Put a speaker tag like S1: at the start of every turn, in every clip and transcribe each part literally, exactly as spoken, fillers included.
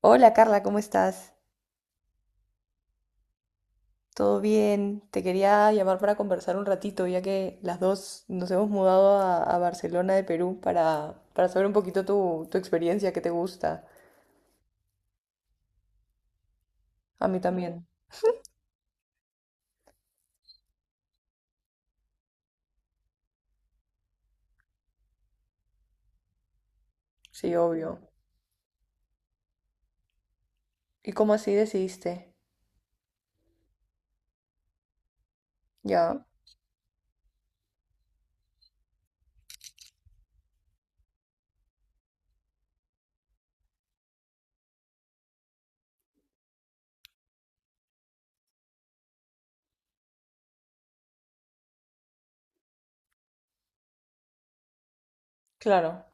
S1: Hola Carla, ¿cómo estás? ¿Todo bien? Te quería llamar para conversar un ratito, ya que las dos nos hemos mudado a, a Barcelona de Perú para, para saber un poquito tu, tu experiencia, qué te gusta. A mí también, sí, obvio. ¿Y cómo así decidiste? Ya, claro.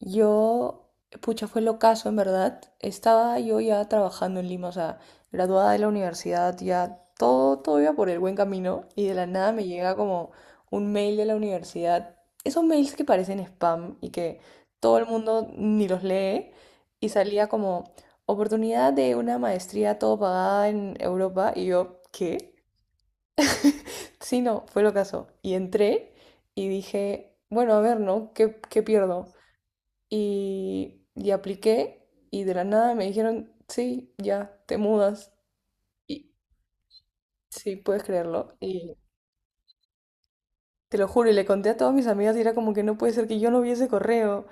S1: Yo, pucha, fue el ocaso, en verdad. Estaba yo ya trabajando en Lima, o sea, graduada de la universidad, ya todo, todo iba por el buen camino y de la nada me llega como un mail de la universidad. Esos mails que parecen spam y que todo el mundo ni los lee y salía como oportunidad de una maestría todo pagada en Europa y yo, ¿qué? Sí, no, fue el ocaso. Y entré y dije, bueno, a ver, ¿no? ¿Qué, qué pierdo? Y, y apliqué y de la nada me dijeron, sí, ya, te mudas. Y sí, puedes creerlo. Y te lo juro, y le conté a todas mis amigas y era como que no puede ser que yo no viese correo.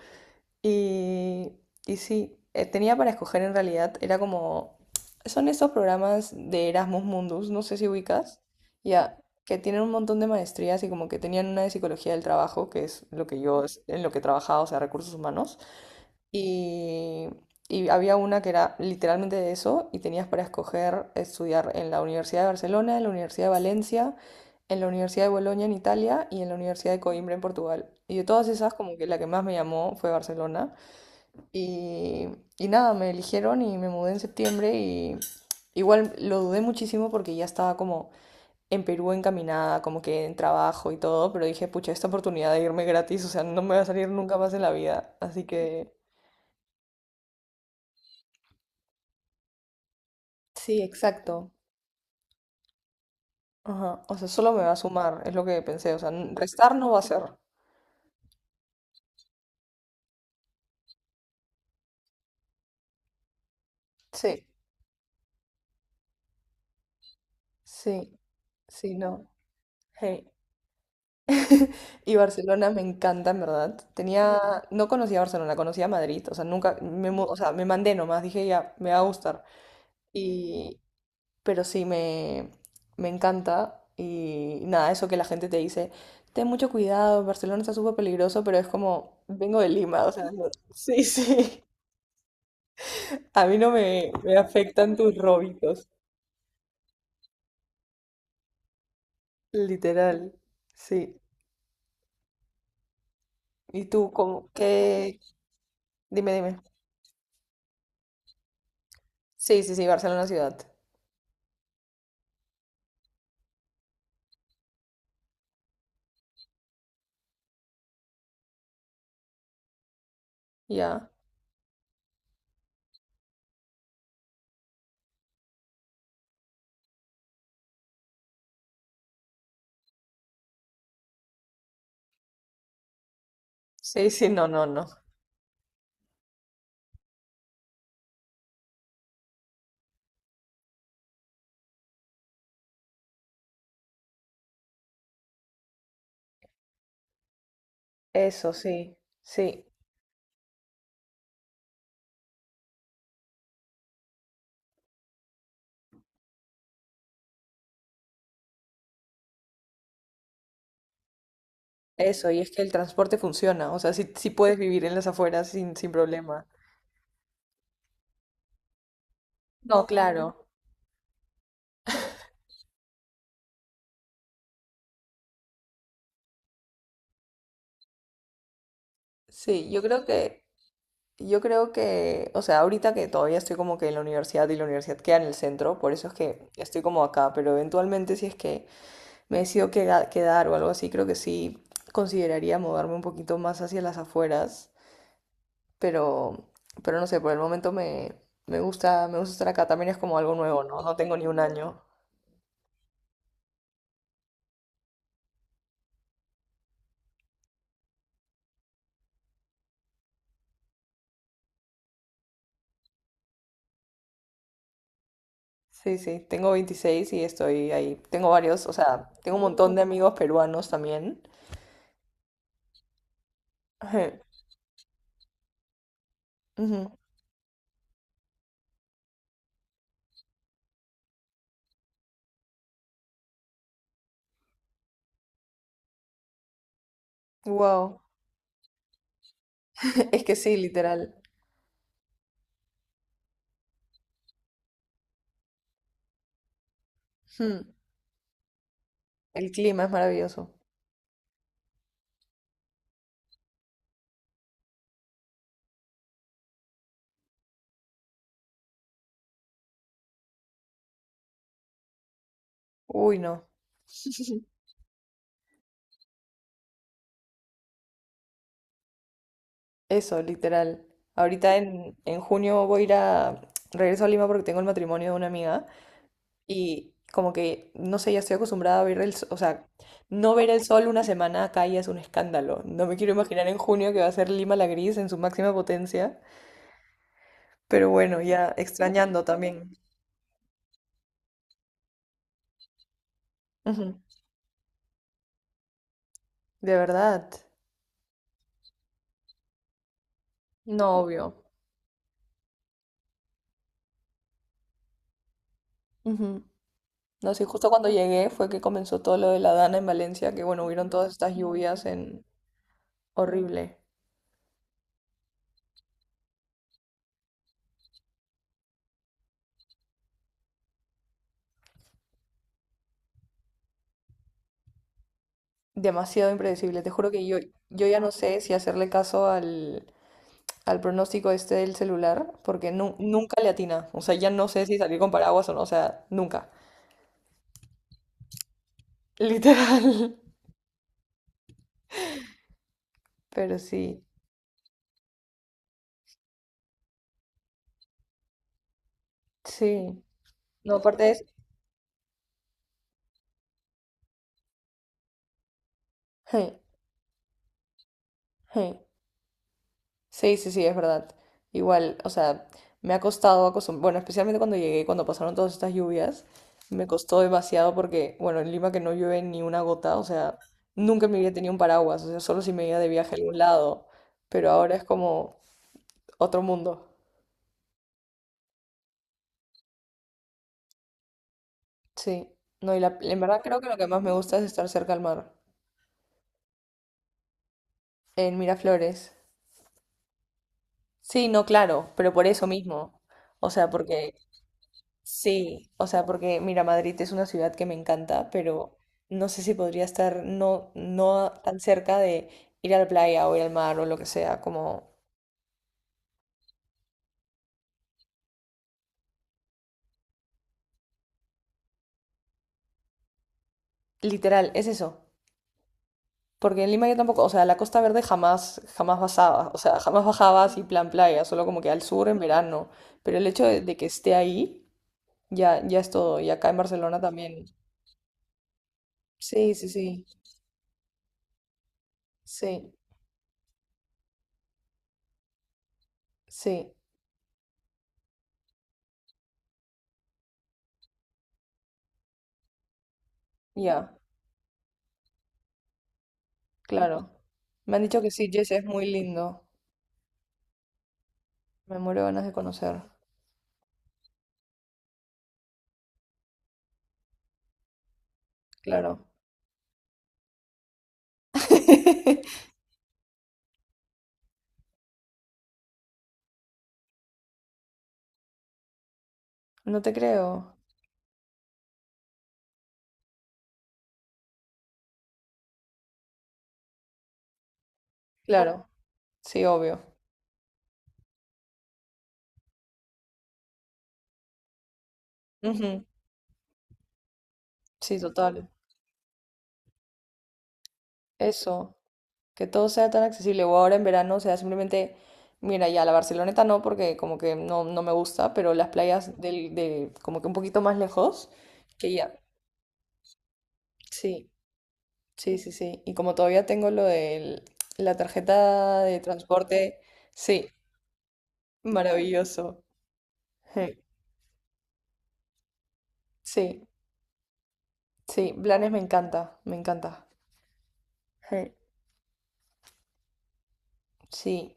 S1: Y, y sí, eh, tenía para escoger en realidad, era como, son esos programas de Erasmus Mundus, no sé si ubicas, ya, que tienen un montón de maestrías y como que tenían una de psicología del trabajo, que es lo que yo, es- en lo que trabajaba, o sea, recursos humanos. Y, y había una que era literalmente de eso y tenías para escoger estudiar en la Universidad de Barcelona, en la Universidad de Valencia, en la Universidad de Bolonia en Italia y en la Universidad de Coimbra en Portugal. Y de todas esas, como que la que más me llamó fue Barcelona. Y, y nada, me eligieron y me mudé en septiembre y igual lo dudé muchísimo porque ya estaba como en Perú encaminada, como que en trabajo y todo, pero dije, pucha, esta oportunidad de irme gratis, o sea, no me va a salir nunca más en la vida. Así que... Sí, exacto. Ajá. O sea, solo me va a sumar, es lo que pensé. O sea, n- restar no va a ser. Sí, sí, sí, no. Hey. Y Barcelona me encanta, en verdad. Tenía, no conocía Barcelona, conocía Madrid. O sea, nunca, me, mu- o sea, me mandé nomás, dije ya, me va a gustar. Y, pero sí, me, me encanta. Y nada, eso que la gente te dice, ten mucho cuidado, Barcelona está súper peligroso, pero es como, vengo de Lima, o sea, no- sí, sí. A mí no me, me afectan tus robitos, literal. Sí. ¿Y tú cómo? ¿Qué? Dime, dime. Sí, sí, sí, Barcelona ciudad. Ya. Sí, sí, no, no, no. Eso, sí, sí. Eso, y es que el transporte funciona. O sea, sí, sí puedes vivir en las afueras sin, sin problema. No, claro. Sí, yo creo que, yo creo que, o sea, ahorita que todavía estoy como que en la universidad y la universidad queda en el centro, por eso es que estoy como acá, pero eventualmente si es que me decido queda- quedar o algo así, creo que sí consideraría mudarme un poquito más hacia las afueras, pero, pero no sé, por el momento me, me gusta, me gusta estar acá, también es como algo nuevo, ¿no? No tengo ni un año. Sí, sí, tengo veintiséis y estoy ahí. Tengo varios, o sea, tengo un montón de amigos peruanos también. Ajá, ujú. Wow, es que sí, literal. Hmm. El clima es maravilloso. Uy, no. Eso, literal. Ahorita en, en junio voy a ir a... Regreso a Lima porque tengo el matrimonio de una amiga y como que, no sé, ya estoy acostumbrada a ver el... s- O sea, no ver el sol una semana acá ya es un escándalo. No me quiero imaginar en junio que va a ser Lima la gris en su máxima potencia. Pero bueno, ya extrañando también. Ujú. De verdad. No, obvio. Ujú. No sé, justo cuando llegué fue que comenzó todo lo de la Dana en Valencia, que bueno, hubieron todas estas lluvias en... Horrible. Demasiado impredecible. Te juro que yo, yo ya no sé si hacerle caso al, al pronóstico este del celular, porque nu- nunca le atina. O sea, ya no sé si salir con paraguas o no, o sea, nunca. Literal. Pero sí, sí. No, aparte es... Sí, sí, sí, es verdad. Igual, o sea, me ha costado acostumbrar, bueno, especialmente cuando llegué, cuando pasaron todas estas lluvias, me costó demasiado porque, bueno, en Lima que no llueve ni una gota, o sea, nunca en mi vida tenía un paraguas, o sea, solo si me iba de viaje a algún lado, pero ahora es como otro mundo. Sí, no, y la, en verdad creo que lo que más me gusta es estar cerca al mar, en Miraflores. Sí, no, claro, pero por eso mismo, o sea, porque sí, o sea, porque mira, Madrid es una ciudad que me encanta, pero no sé si podría estar no, no tan cerca de ir a la playa o ir al mar o lo que sea, como literal, es eso. Porque en Lima yo tampoco, o sea, la Costa Verde jamás, jamás bajaba, o sea, jamás bajaba así plan playa, solo como que al sur en verano. Pero el hecho de, de que esté ahí, ya, ya es todo. Y acá en Barcelona también. Sí, sí, sí, sí, sí, ya, claro. Me han dicho que sí, Jess, es muy lindo. Me muero de ganas de conocer, claro. No te creo, claro, sí, obvio. Ujú. Sí, total. Eso, que todo sea tan accesible. O ahora en verano, o sea, simplemente, mira, ya la Barceloneta no, porque como que no, no me gusta, pero las playas del, de, como que un poquito más lejos, que ya. Sí, sí, sí, sí. Y como todavía tengo lo de la tarjeta de transporte, sí, maravilloso. Sí, sí, sí, Blanes me encanta, me encanta. Mm. Sí,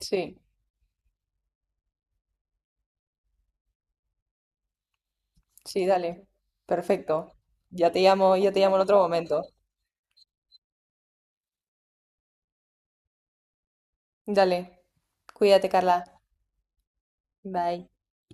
S1: sí, sí, dale. Perfecto. Ya te llamo, ya te llamo en otro momento. Dale. Cuídate, Carla. Bye.